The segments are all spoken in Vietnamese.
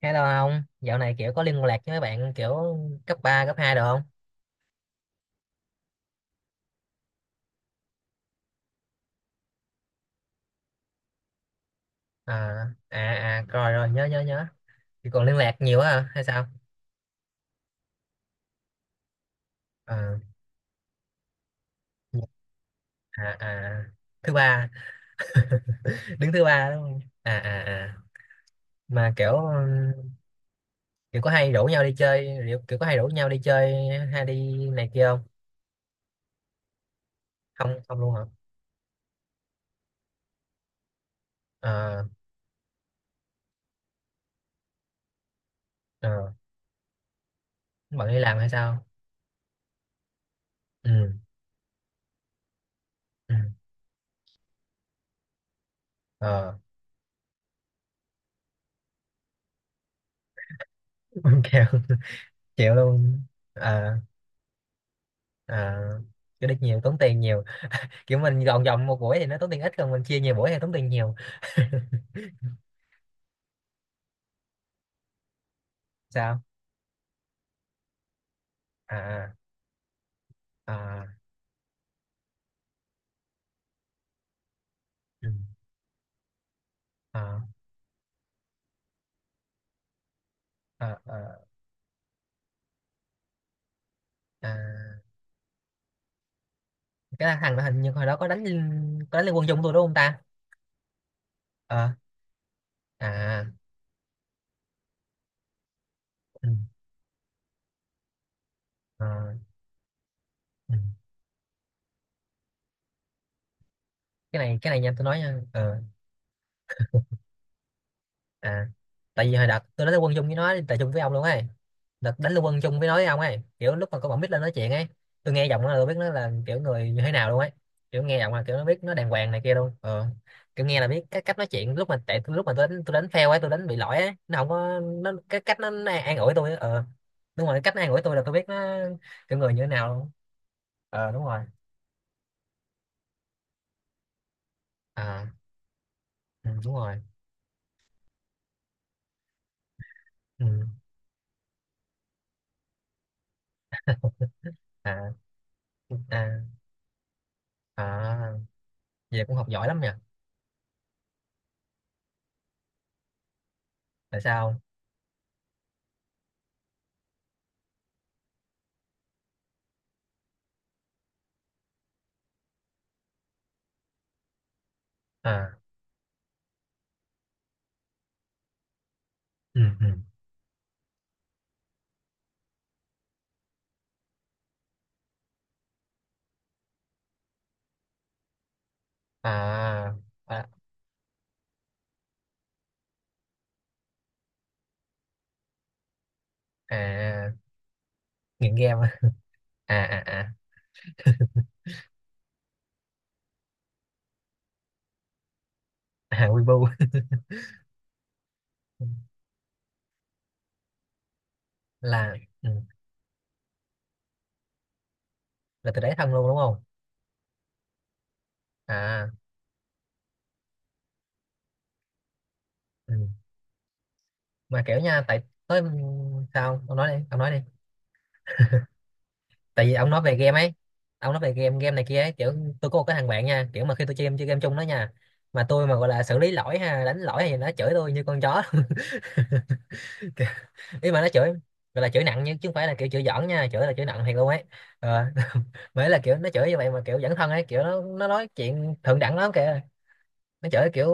Hay đâu không? Dạo này kiểu có liên lạc với mấy bạn kiểu cấp 3 cấp hai được không? À, à, à, rồi rồi, nhớ, nhớ, nhớ. Thì còn liên lạc nhiều quá hả? Hay sao? À, à, à, thứ ba, đứng thứ ba đúng không? À, à, à. Mà kiểu, kiểu có hay rủ nhau đi chơi, kiểu, kiểu có hay rủ nhau đi chơi hay đi này kia không? Không, không luôn hả? Ờ, ờ, bận đi làm hay sao? Ừ, ừ, ờ, kiểu, chịu luôn. Ờ, ờ, cái đích nhiều, tốn tiền nhiều. Kiểu mình gọn gọn một buổi thì nó tốn tiền ít còn mình chia nhiều buổi thì tốn tiền nhiều. Sao? À, à, ừ, à, à, à, à. Cái thằng đó hình như hồi đó có có đánh Liên quân chung tôi đúng không ta? Ờ, à, ừ, ờ, ừ. Cái này cái này nha tôi nói nha. Ờ, à, tại vì hồi đợt tôi đánh Liên quân chung với nó, tại chung với ông luôn ấy, đợt đánh Lưu Quân chung với nói với ông ấy kiểu lúc mà có bọn Mít lên nói chuyện ấy. Tôi nghe giọng nó là tôi biết nó là kiểu người như thế nào luôn ấy, kiểu nghe giọng là kiểu nó biết nó đàng hoàng này kia luôn. Ờ, kiểu nghe là biết cái cách nói chuyện, lúc mà tại lúc mà tôi đánh, tôi đánh fail ấy, tôi đánh bị lỗi ấy, nó không có, nó cái cách nó an ủi tôi ấy. Ờ, đúng rồi, cái cách nó an ủi tôi là tôi biết nó kiểu người như thế nào luôn. Ờ, đúng rồi. À, ừ, đúng rồi. Ừ. À, à, à, vậy cũng học giỏi lắm nhỉ. Tại sao? À, ừ, ừ, à, à, à. Nghiện game á. À, à, à. À, Weibo. Là, ừ, là từ đấy thân luôn đúng không? À, ừ. Mà kiểu nha, tại tới ừ, sao ông nói đi, ông nói đi. Tại vì ông nói về game ấy, ông nói về game, game này kia ấy. Kiểu tôi có một cái thằng bạn nha, kiểu mà khi tôi chơi game, chơi game chung đó nha, mà tôi mà gọi là xử lý lỗi, ha đánh lỗi thì nó chửi tôi như con chó. Kiểu- Ý mà nó chửi, gọi là chửi nặng, nhưng chứ không phải là kiểu chửi giỡn nha, chửi là chửi nặng thiệt luôn ấy. Ờ. Mới là kiểu nó chửi như vậy mà kiểu dẫn thân ấy, kiểu nó nói chuyện thượng đẳng lắm kìa. Nó chửi kiểu,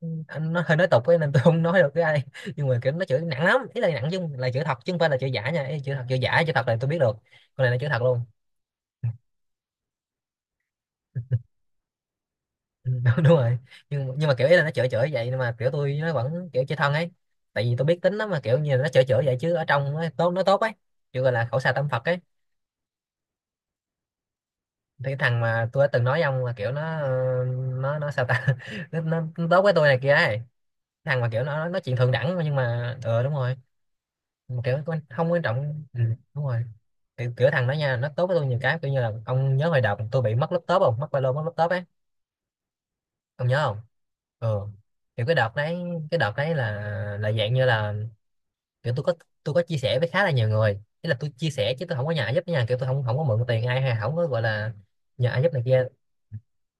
ừ, anh nó hơi nói tục ấy nên tôi không nói được với ai, nhưng mà kiểu nó chửi nặng lắm, ý là nặng chứ không- là chửi thật chứ không phải là chửi giả nha, ý là chửi thật chửi giả, chửi thật là tôi biết được, con này là chửi thật luôn. Ừ, đúng, đúng rồi. Nhưng mà kiểu ý là nó chửi chửi vậy nhưng mà kiểu tôi nó vẫn kiểu chơi thân ấy, tại vì tôi biết tính nó, mà kiểu như là nó chửi chửi vậy chứ ở trong nó tốt, nó tốt ấy, kiểu gọi là khẩu xà tâm Phật ấy. Thì cái thằng mà tôi đã từng nói với ông là kiểu nó ờ, nó sao ta, nó tốt với tôi này kia ấy, thằng mà kiểu nó nói chuyện thượng đẳng, nhưng mà ờ đúng rồi, không quan trọng. Ừ, đúng rồi. Kiểu, kiểu thằng đó nha, nó tốt với tôi nhiều cái, kiểu như là ông nhớ hồi đợt tôi bị mất laptop không, mất ba lô, mất laptop ấy. Ông nhớ không? Ừ, kiểu cái đợt đấy, cái đợt đấy là dạng như là kiểu tôi có, tôi có chia sẻ với khá là nhiều người, ý là tôi chia sẻ chứ tôi không có nhờ ai giúp nha, kiểu tôi không không có mượn tiền ai hay không có gọi là nhờ ai giúp này kia.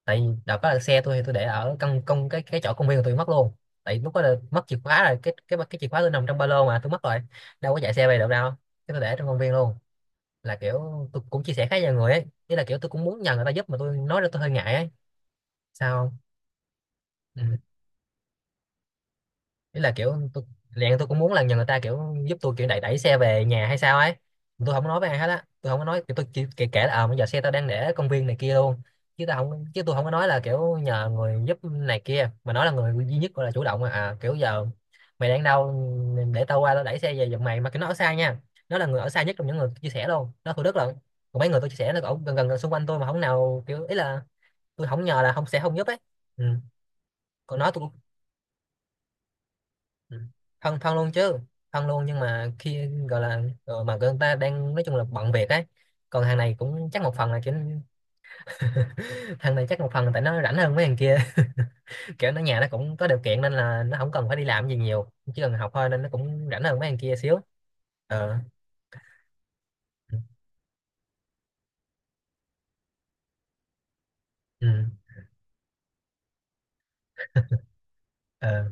Tại vì đợt đó là xe tôi thì tôi để ở căn công cái chỗ công viên của tôi mất luôn, tại lúc đó là mất chìa khóa rồi, cái chìa khóa tôi nằm trong ba lô mà tôi mất rồi, đâu có chạy xe về được đâu, cái tôi để trong công viên luôn. Là kiểu tôi cũng chia sẻ khá nhiều người ấy, ý là kiểu tôi cũng muốn nhờ người ta giúp mà tôi nói ra tôi hơi ngại ấy. Sao không? Ừ. Ý là kiểu tôi liền tôi cũng muốn là nhờ người ta kiểu giúp tôi kiểu đẩy đẩy xe về nhà hay sao ấy, tôi không nói với ai hết á, tôi không có nói, kiểu tôi chỉ kể là ờ bây giờ xe tao đang để ở công viên này kia luôn, chứ tôi không có nói là kiểu nhờ người giúp này kia, mà nói là người duy nhất gọi là chủ động, mà à kiểu giờ mày đang đâu, để tao qua tao đẩy xe về giùm mày, mà cái nó ở xa nha, nó là người ở xa nhất trong những người chia sẻ luôn, nó Thủ Đức lận. Còn mấy người tôi chia sẻ nó ở gần, gần gần xung quanh tôi mà không nào, kiểu ý là tôi không nhờ là không sẽ không giúp ấy. Ừ. Còn nói tôi. Ừ. Thân thân luôn chứ, thân luôn, nhưng mà khi gọi là ờ, mà người ta đang nói chung là bận việc ấy, còn hàng này cũng chắc một phần là kiểu. Thằng này chắc một phần là tại nó rảnh hơn mấy thằng kia, kiểu nó nhà nó cũng có điều kiện nên là nó không cần phải đi làm gì nhiều, chỉ cần học thôi, nên nó cũng rảnh hơn mấy thằng kia xíu. Ờ, ừ, ừ, ờ,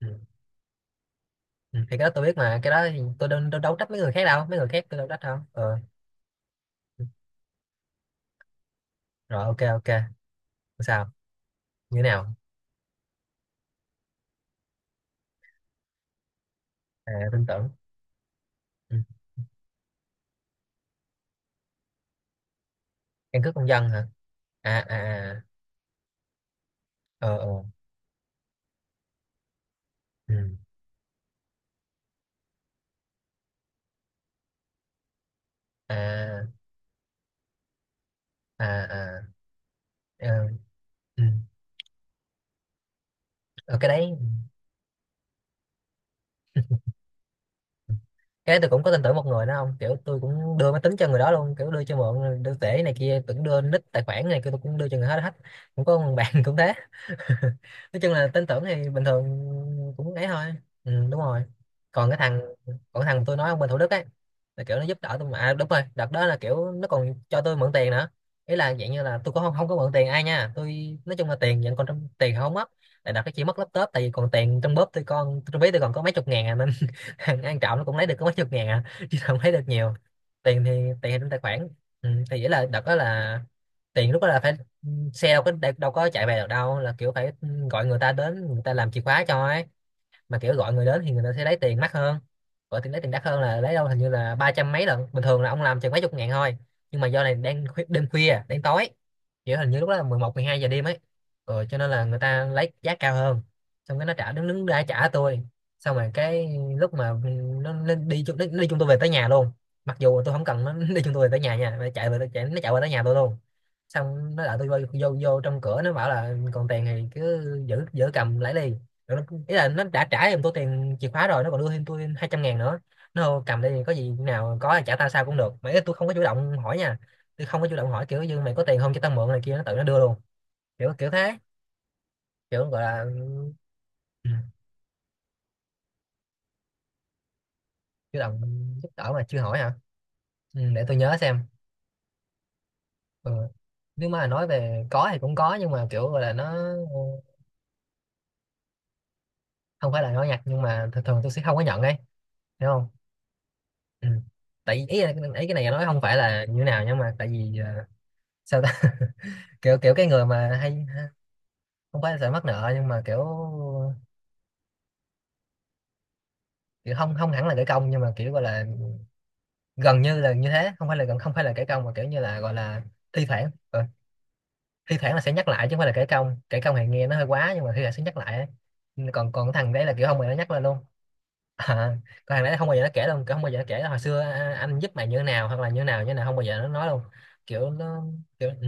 ừ. Ừ, thì cái đó tôi biết mà, cái đó thì tôi đâu trách mấy người khác đâu, mấy người khác tôi đâu trách đâu. Ờ, rồi ok, ok. Sao? Như thế nào? À, tin tưởng. Ừ. Căn cước công dân hả? À, à, à. Ờ, ờ, ừ. À, à, à. Ờ, ừ. Ờ, cái đấy, cái đấy tôi cũng có tin tưởng một người đó không, kiểu tôi cũng đưa máy tính cho người đó luôn, kiểu đưa cho mượn, đưa tể này kia, tưởng đưa nick tài khoản này kia, tôi cũng đưa cho người hết hết. Cũng có một bạn cũng thế. Nói chung là tên tưởng thì bình thường cũng ấy thôi. Ừ, đúng rồi. Còn cái thằng, còn cái thằng tôi nói ông bên Thủ Đức ấy, là kiểu nó giúp đỡ tôi, mà à, đúng rồi, đợt đó là kiểu nó còn cho tôi mượn tiền nữa. Ý là dạng như là tôi có không không có mượn tiền ai nha, tôi nói chung là tiền vẫn còn trong, tiền không mất, tại đợt cái chỉ mất laptop, tại vì còn tiền trong bóp tôi, còn trong ví tôi còn có mấy chục ngàn à, nên thằng An Trọng nó cũng lấy được có mấy chục ngàn à, chứ không lấy được nhiều. tiền thì Tiền thì trong tài khoản. Ừ, thì nghĩa là đợt đó là tiền lúc đó là phải, xe đâu có đâu có chạy về được đâu, là kiểu phải ừ, gọi người ta đến, người ta làm chìa khóa cho ấy, mà kiểu gọi người đến thì người ta sẽ lấy tiền mắc hơn, gọi tiền lấy tiền đắt hơn là lấy đâu hình như là 300 mấy lần, bình thường là ông làm chừng mấy chục ngàn thôi, nhưng mà do này đang khuya, đêm khuya đến tối, kiểu hình như lúc đó là 11, 12 giờ đêm ấy. Rồi cho nên là người ta lấy giá cao hơn. Xong cái nó trả đứng đứng ra trả tôi. Xong rồi cái lúc mà nó đi chung, nó đi chung tôi về tới nhà luôn, mặc dù tôi không cần nó đi chung tôi về tới nhà nha, nó chạy về tới nhà tôi luôn. Xong nó đợi tôi vô, vô vô trong cửa, nó bảo là còn tiền thì cứ giữ giữ cầm lấy đi, rồi nó, ý là nó đã trả em tôi tiền chìa khóa rồi, nó còn đưa thêm tôi 200.000 nữa, nó cầm đây có gì nào có là trả tao sao cũng được, mà ý là tôi không có chủ động hỏi nha, tôi không có chủ động hỏi kiểu như mày có tiền không cho tao mượn này kia, nó tự nó đưa luôn, kiểu kiểu thế, kiểu gọi là ừ, Chủ động giúp đỡ mà chưa hỏi hả? Ừ, để tôi nhớ xem. Ừ. Nếu mà nói về có thì cũng có, nhưng mà kiểu gọi là nó không phải là nói nhặt, nhưng mà thường thường tôi sẽ không có nhận đấy, hiểu không? Ừ. tại ý, ý, ý cái này nói không phải là như thế nào, nhưng mà tại vì sao ta? Kiểu kiểu cái người mà hay, không phải là sợ mắc nợ nhưng mà kiểu kiểu không không hẳn là kẻ công, nhưng mà kiểu gọi là gần như là như thế, không phải là gần, không phải là kẻ công mà kiểu như là gọi là thi thoảng thi thoảng là sẽ nhắc lại, chứ không phải là kẻ công, kẻ công thì nghe nó hơi quá, nhưng mà thi thoảng sẽ nhắc lại ấy. Còn còn cái thằng đấy là kiểu không mà nó nhắc lên luôn. À, còn thằng đấy không bao giờ nó kể đâu, không bao giờ nó kể hồi xưa à, anh giúp mày như thế nào hoặc là như thế nào như thế nào, không bao giờ nó nói đâu. Kiểu nó kiểu ừ.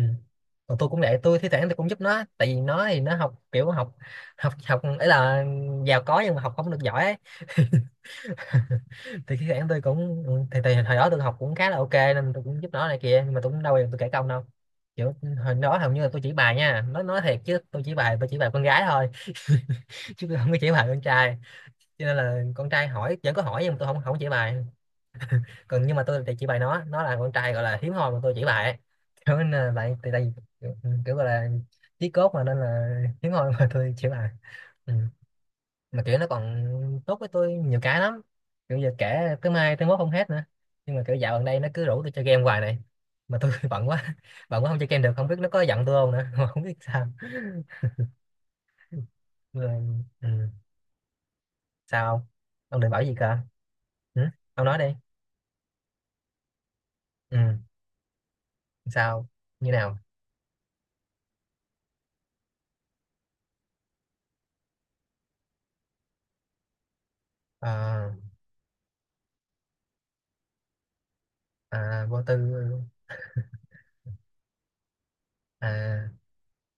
Còn tôi cũng vậy, tôi thi thoảng tôi cũng giúp nó, tại vì nó thì nó học kiểu học học học ấy, là giàu có nhưng mà học không được giỏi ấy. Thì thi thoảng tôi cũng ừ, thì hồi đó tôi học cũng khá là ok nên tôi cũng giúp nó này kia, nhưng mà tôi cũng đâu bao giờ tôi kể công đâu. Kiểu ừ, hồi đó hầu như là tôi chỉ bài nha, nó nói thiệt chứ tôi chỉ bài, tôi chỉ bài con gái thôi, chứ tôi không có chỉ bài con trai. Cho nên là con trai hỏi vẫn có hỏi, nhưng mà tôi không không chỉ bài. Còn nhưng mà tôi thì chỉ bày nó là con trai gọi là hiếm hoi mà tôi chỉ bày, kiểu là vậy. Thì tại vì kiểu, ừ, kiểu gọi là chí cốt mà nên là hiếm hoi mà tôi chỉ bày, ừ. Mà kiểu nó còn tốt với tôi nhiều cái lắm, kiểu giờ kể tới mai tới mốt không hết nữa. Nhưng mà kiểu dạo gần đây nó cứ rủ tôi chơi game hoài này, mà tôi bận quá, bận quá không chơi game được, không biết nó có giận tôi không nữa mà không biết sao. Rồi, ừ. Sao ông? Ông định bảo gì cơ? Ừ? Ông nói đi. Ừ. Sao? Như nào? Ờ, à, vô tư. À,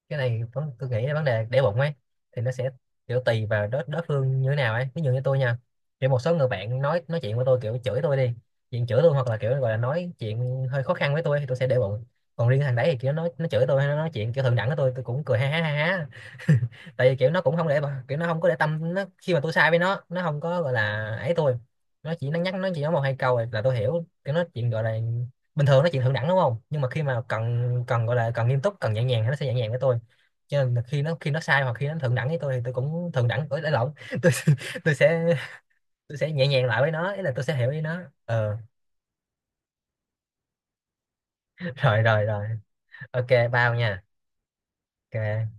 tôi nghĩ là vấn đề để bụng ấy, thì nó sẽ kiểu tùy vào đối đối phương như thế nào ấy, ví dụ như tôi nha, kiểu một số người bạn nói chuyện với tôi kiểu chửi tôi đi, chuyện chửi tôi hoặc là kiểu gọi là nói chuyện hơi khó khăn với tôi thì tôi sẽ để bụng. Còn riêng thằng đấy thì kiểu nó chửi tôi hay nó nói chuyện kiểu thượng đẳng với tôi cũng cười ha ha ha ha. Tại vì kiểu nó cũng không để kiểu nó không có để tâm nó, khi mà tôi sai với nó không có gọi là ấy tôi, nó chỉ nó nhắc, nó chỉ nói một hai câu rồi là tôi hiểu. Kiểu nó chuyện gọi là bình thường nó chuyện thượng đẳng đúng không, nhưng mà khi mà cần cần gọi là cần nghiêm túc cần nhẹ nhàng thì nó sẽ nhẹ nhàng với tôi. Cho nên là khi nó sai hoặc khi nó thượng đẳng với tôi thì tôi cũng thượng đẳng, tôi đã lộn tôi, tôi sẽ tôi sẽ nhẹ nhàng lại với nó, ý là tôi sẽ hiểu với nó. Ờ. Rồi rồi rồi. Ok, bao nha. Ok.